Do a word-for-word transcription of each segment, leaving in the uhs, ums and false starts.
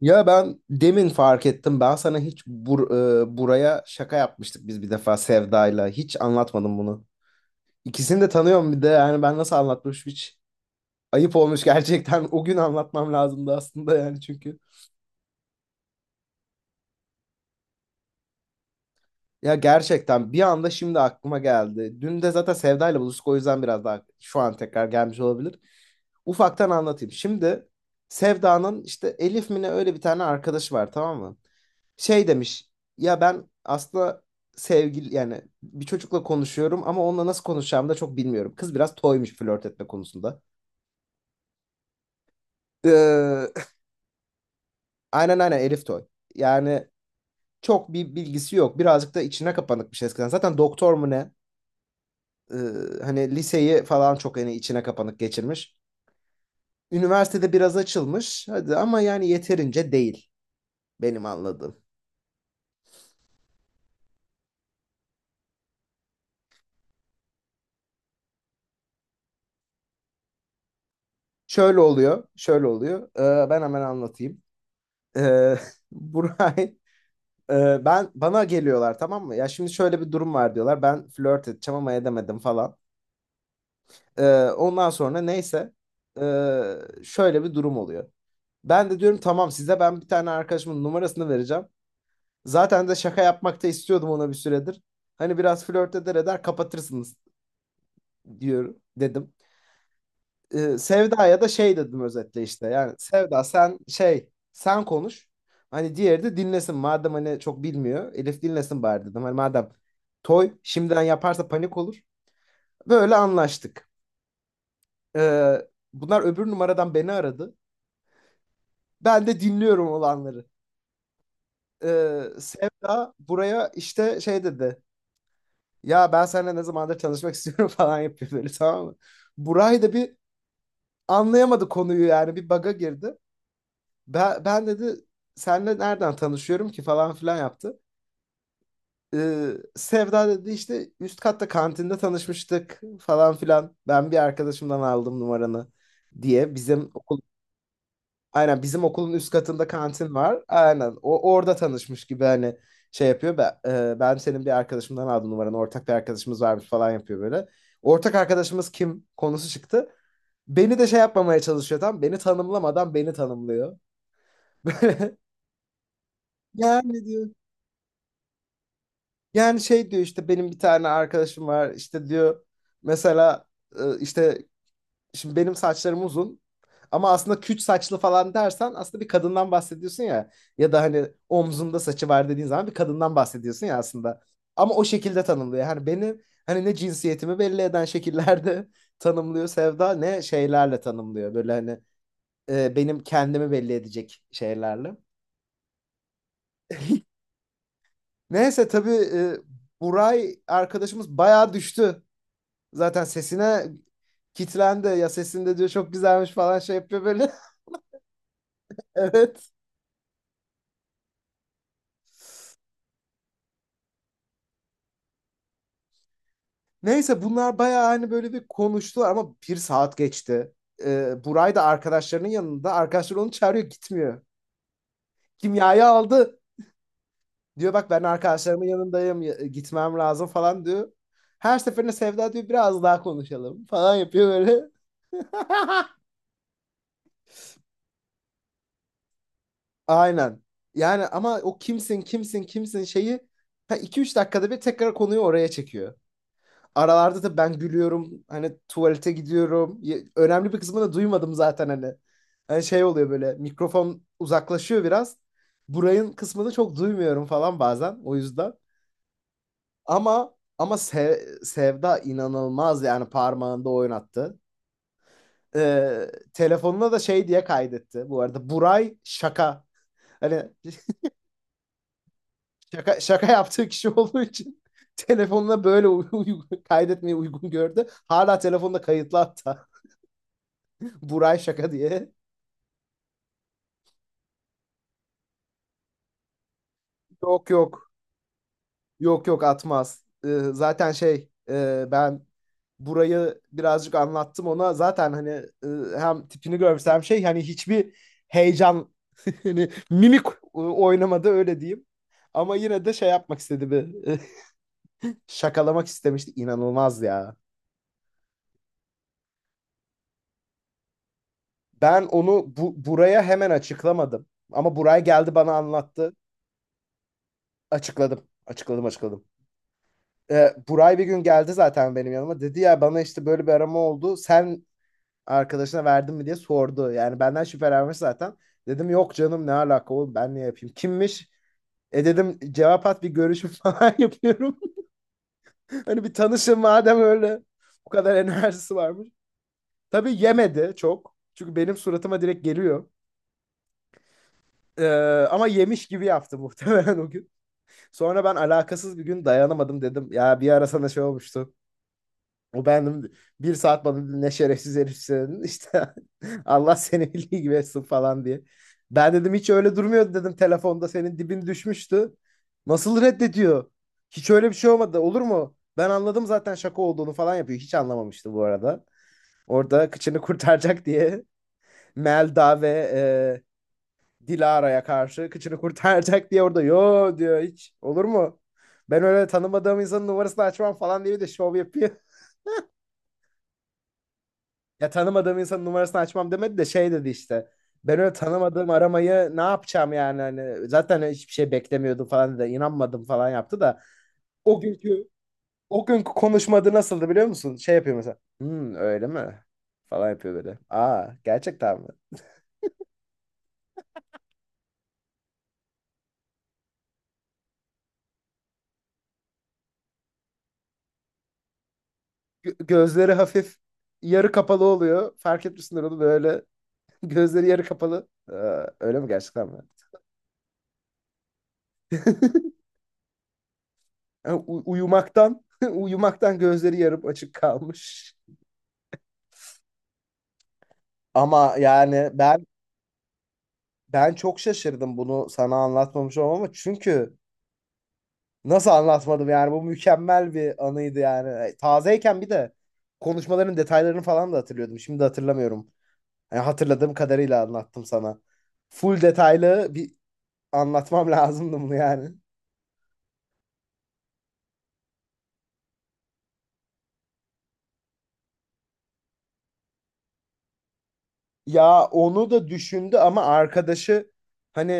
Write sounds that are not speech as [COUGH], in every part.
Ya ben demin fark ettim. Ben sana hiç bur e, buraya şaka yapmıştık biz bir defa Sevda'yla. Hiç anlatmadım bunu. İkisini de tanıyorum bir de. Yani ben nasıl anlatmış hiç ayıp olmuş gerçekten. O gün anlatmam lazımdı aslında yani çünkü. Ya gerçekten bir anda şimdi aklıma geldi. Dün de zaten Sevda'yla buluştuk o yüzden biraz daha şu an tekrar gelmiş olabilir. Ufaktan anlatayım. Şimdi Sevda'nın işte Elif mi ne öyle bir tane arkadaşı var, tamam mı? Şey demiş, ya ben aslında sevgili yani bir çocukla konuşuyorum ama onunla nasıl konuşacağımı da çok bilmiyorum. Kız biraz toymuş flört etme konusunda. Ee, [LAUGHS] aynen aynen Elif Toy. Yani çok bir bilgisi yok. Birazcık da içine kapanıkmış eskiden. Zaten doktor mu ne? Ee, Hani liseyi falan çok hani içine kapanık geçirmiş. Üniversitede biraz açılmış. Hadi ama yani yeterince değil benim anladığım. Şöyle oluyor, şöyle oluyor. Ee, ben hemen anlatayım. Ee, [LAUGHS] Buray Ee, ben bana geliyorlar, tamam mı? Ya şimdi şöyle bir durum var diyorlar. Ben flört edeceğim ama edemedim falan. Ee, ondan sonra neyse ee, şöyle bir durum oluyor. Ben de diyorum tamam size ben bir tane arkadaşımın numarasını vereceğim. Zaten de şaka yapmakta istiyordum ona bir süredir. Hani biraz flört eder eder kapatırsınız diyorum dedim. E, Sevda'ya da şey dedim özetle işte. Yani Sevda sen şey sen konuş. Hani diğeri de dinlesin. Madem hani çok bilmiyor. Elif dinlesin bari dedim. Hani madem Toy şimdiden yaparsa panik olur. Böyle anlaştık. Ee, Bunlar öbür numaradan beni aradı. Ben de dinliyorum olanları. Ee, Sevda buraya işte şey dedi. Ya ben seninle ne zamandır tanışmak istiyorum [LAUGHS] falan yapıyor böyle, tamam mı? Buray da bir anlayamadı konuyu, yani bir baga girdi. Ben, ben dedi senle nereden tanışıyorum ki falan filan yaptı. Ee, Sevda dedi işte üst katta kantinde tanışmıştık falan filan. Ben bir arkadaşımdan aldım numaranı diye bizim okul. Aynen bizim okulun üst katında kantin var. Aynen o orada tanışmış gibi hani şey yapıyor. Ben, e, ben senin bir arkadaşımdan aldım numaranı, ortak bir arkadaşımız varmış falan yapıyor böyle. Ortak arkadaşımız kim konusu çıktı. Beni de şey yapmamaya çalışıyor, tam beni tanımlamadan beni tanımlıyor. [LAUGHS] Böyle yani diyor. Yani şey diyor işte benim bir tane arkadaşım var işte diyor mesela e, işte şimdi benim saçlarım uzun ama aslında küt saçlı falan dersen aslında bir kadından bahsediyorsun ya, ya da hani omzunda saçı var dediğin zaman bir kadından bahsediyorsun ya aslında. Ama o şekilde tanımlıyor. Hani benim hani ne cinsiyetimi belli eden şekillerde [LAUGHS] tanımlıyor Sevda ne şeylerle tanımlıyor. Böyle hani e, benim kendimi belli edecek şeylerle. [LAUGHS] Neyse tabii e, Buray arkadaşımız bayağı düştü. Zaten sesine kitlendi ya, sesinde diyor çok güzelmiş falan şey yapıyor böyle. [LAUGHS] Evet. Neyse bunlar bayağı hani böyle bir konuştular ama, bir saat geçti. Ee, Buray da arkadaşlarının yanında. Arkadaşlar onu çağırıyor gitmiyor. Kimyayı aldı. Diyor bak ben arkadaşlarımın yanındayım, ya- gitmem lazım falan diyor. Her seferinde Sevda diyor biraz daha konuşalım falan yapıyor böyle. [LAUGHS] Aynen. Yani ama o kimsin kimsin kimsin şeyi ha, iki üç dakikada bir tekrar konuyu oraya çekiyor. Aralarda da ben gülüyorum. Hani tuvalete gidiyorum. Ye- Önemli bir kısmını da duymadım zaten hani. Hani şey oluyor böyle, mikrofon uzaklaşıyor biraz. Burayın kısmını çok duymuyorum falan bazen o yüzden. Ama ama Se- Sevda inanılmaz yani, parmağında oynattı. Ee, telefonuna da şey diye kaydetti. Bu arada Buray şaka. Hani [LAUGHS] şaka, şaka yaptığı kişi olduğu için [LAUGHS] telefonuna böyle uy- uy- kaydetmeyi uygun gördü. Hala telefonda kayıtlı hatta. Buray şaka diye. Yok yok. Yok yok atmaz. Ee, zaten şey e, ben burayı birazcık anlattım ona. Zaten hani e, hem tipini görsem şey hani hiçbir heyecan [LAUGHS] hani mimik e, oynamadı öyle diyeyim. Ama yine de şey yapmak istedi bir [LAUGHS] şakalamak istemişti. İnanılmaz ya. Ben onu bu, buraya hemen açıklamadım. Ama buraya geldi bana anlattı. Açıkladım. Açıkladım açıkladım. E, Buray bir gün geldi zaten benim yanıma. Dedi ya bana işte böyle bir arama oldu. Sen arkadaşına verdin mi diye sordu. Yani benden şüphelenmiş zaten. Dedim yok canım, ne alaka oğlum, ben niye yapayım? Kimmiş? E dedim cevap at bir görüşüm [LAUGHS] falan yapıyorum. [LAUGHS] Hani bir tanışın madem öyle. Bu kadar enerjisi varmış. Tabii yemedi çok. Çünkü benim suratıma direkt geliyor. Ee, Ama yemiş gibi yaptı [LAUGHS] muhtemelen o gün. Sonra ben alakasız bir gün dayanamadım dedim. Ya bir ara sana şey olmuştu. O ben bir saat bana ne şerefsiz herifsin işte [LAUGHS] Allah seni bildiği gibi etsin falan diye. Ben dedim hiç öyle durmuyordu dedim, telefonda senin dibin düşmüştü. Nasıl reddediyor? Hiç öyle bir şey olmadı olur mu? Ben anladım zaten şaka olduğunu falan yapıyor. Hiç anlamamıştı bu arada. Orada kıçını kurtaracak diye [LAUGHS] Melda ve e, Dilara'ya karşı kıçını kurtaracak diye orada yo diyor, hiç olur mu? Ben öyle tanımadığım insanın numarasını açmam falan diye bir de şov yapıyor. Ya tanımadığım insanın numarasını açmam demedi de şey dedi işte. Ben öyle tanımadığım aramayı ne yapacağım yani, hani zaten hiçbir şey beklemiyordum falan dedi. İnanmadım falan yaptı da. O günkü o günkü konuşmadı nasıldı biliyor musun? Şey yapıyor mesela. Hmm, öyle mi? Falan yapıyor böyle. Aa gerçekten mi? Gö- gözleri hafif yarı kapalı oluyor. Fark etmişsindir onu böyle. [LAUGHS] Gözleri yarı kapalı. Aa, öyle mi gerçekten mi? [LAUGHS] Yani u- uyumaktan [LAUGHS] uyumaktan gözleri yarım açık kalmış. Ama yani ben. Ben çok şaşırdım bunu sana anlatmamış olmama. Çünkü nasıl anlatmadım yani, bu mükemmel bir anıydı yani. E, tazeyken bir de konuşmaların detaylarını falan da hatırlıyordum. Şimdi hatırlamıyorum. Yani hatırladığım kadarıyla anlattım sana. Full detaylı bir anlatmam [LAUGHS] lazımdı bunu yani. Ya onu da düşündü ama arkadaşı hani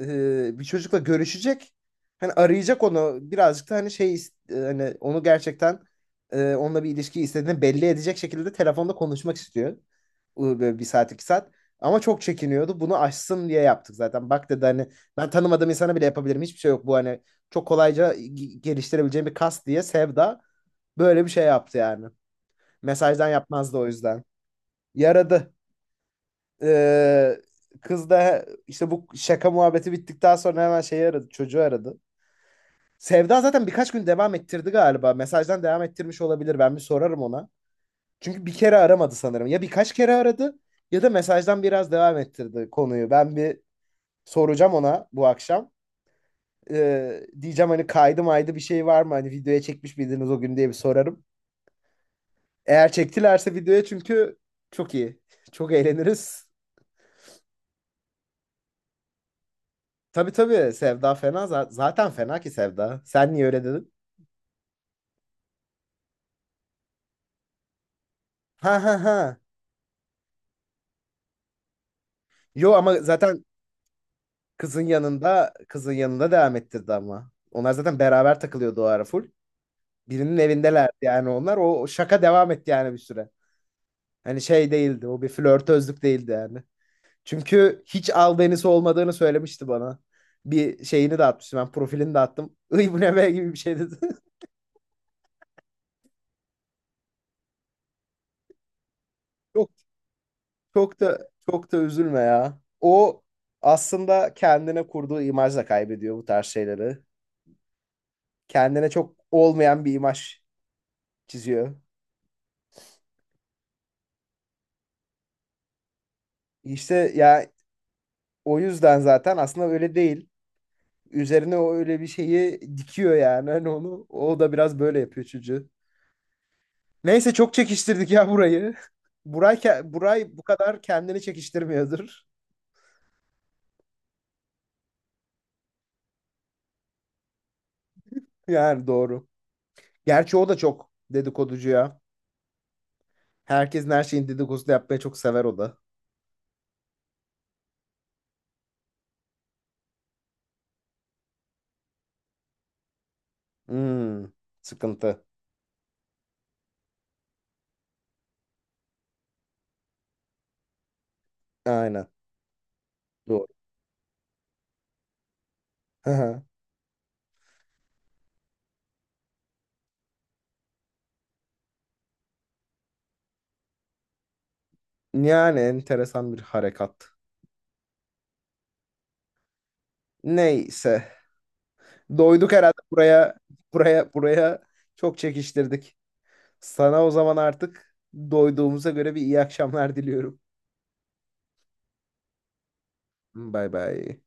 e, bir çocukla görüşecek. Hani arayacak onu birazcık da hani şey ist- e, hani onu gerçekten e, onunla bir ilişki istediğini belli edecek şekilde telefonda konuşmak istiyor. Bu Böyle bir saat iki saat. Ama çok çekiniyordu. Bunu aşsın diye yaptık zaten. Bak dedi hani ben tanımadığım insana bile yapabilirim. Hiçbir şey yok bu, hani çok kolayca g- geliştirebileceğim bir kas diye Sevda böyle bir şey yaptı yani. Mesajdan yapmazdı o yüzden. Yaradı. Ee, Kız da işte bu şaka muhabbeti bittikten sonra hemen şeyi aradı, çocuğu aradı. Sevda zaten birkaç gün devam ettirdi galiba. Mesajdan devam ettirmiş olabilir. Ben bir sorarım ona. Çünkü bir kere aramadı sanırım. Ya birkaç kere aradı ya da mesajdan biraz devam ettirdi konuyu. Ben bir soracağım ona bu akşam. Ee, diyeceğim hani kaydı maydı bir şey var mı? Hani videoya çekmiş miydiniz o gün diye bir sorarım. Eğer çektilerse videoya çünkü çok iyi. Çok eğleniriz. Tabii tabii Sevda fena za- zaten fena ki Sevda. Sen niye öyle dedin? Ha ha ha. Yo ama zaten kızın yanında kızın yanında devam ettirdi ama. Onlar zaten beraber takılıyordu o ara full. Birinin evindelerdi yani onlar. O o şaka devam etti yani bir süre. Hani şey değildi o, bir flörtözlük değildi yani. Çünkü hiç albenisi olmadığını söylemişti bana. Bir şeyini de atmıştım, ben profilini de attım. [LAUGHS] Iy bu ne be gibi bir şey dedi. [LAUGHS] Çok da çok da üzülme ya. O aslında kendine kurduğu imajla kaybediyor bu tarz şeyleri. Kendine çok olmayan bir imaj çiziyor. İşte ya o yüzden zaten aslında öyle değil. Üzerine o öyle bir şeyi dikiyor yani hani onu. O da biraz böyle yapıyor çocuğu. Neyse çok çekiştirdik ya burayı. Buray, ke- Buray bu kadar kendini çekiştirmiyordur. [LAUGHS] Yani doğru. Gerçi o da çok dedikoducu ya. Herkesin her şeyin dedikodusunu yapmayı çok sever o da. Hmm, sıkıntı. Aynen. Doğru. Hı hı. Yani enteresan bir harekat. Neyse. Doyduk herhalde buraya. Buraya buraya çok çekiştirdik. Sana o zaman artık doyduğumuza göre bir iyi akşamlar diliyorum. Bay bay.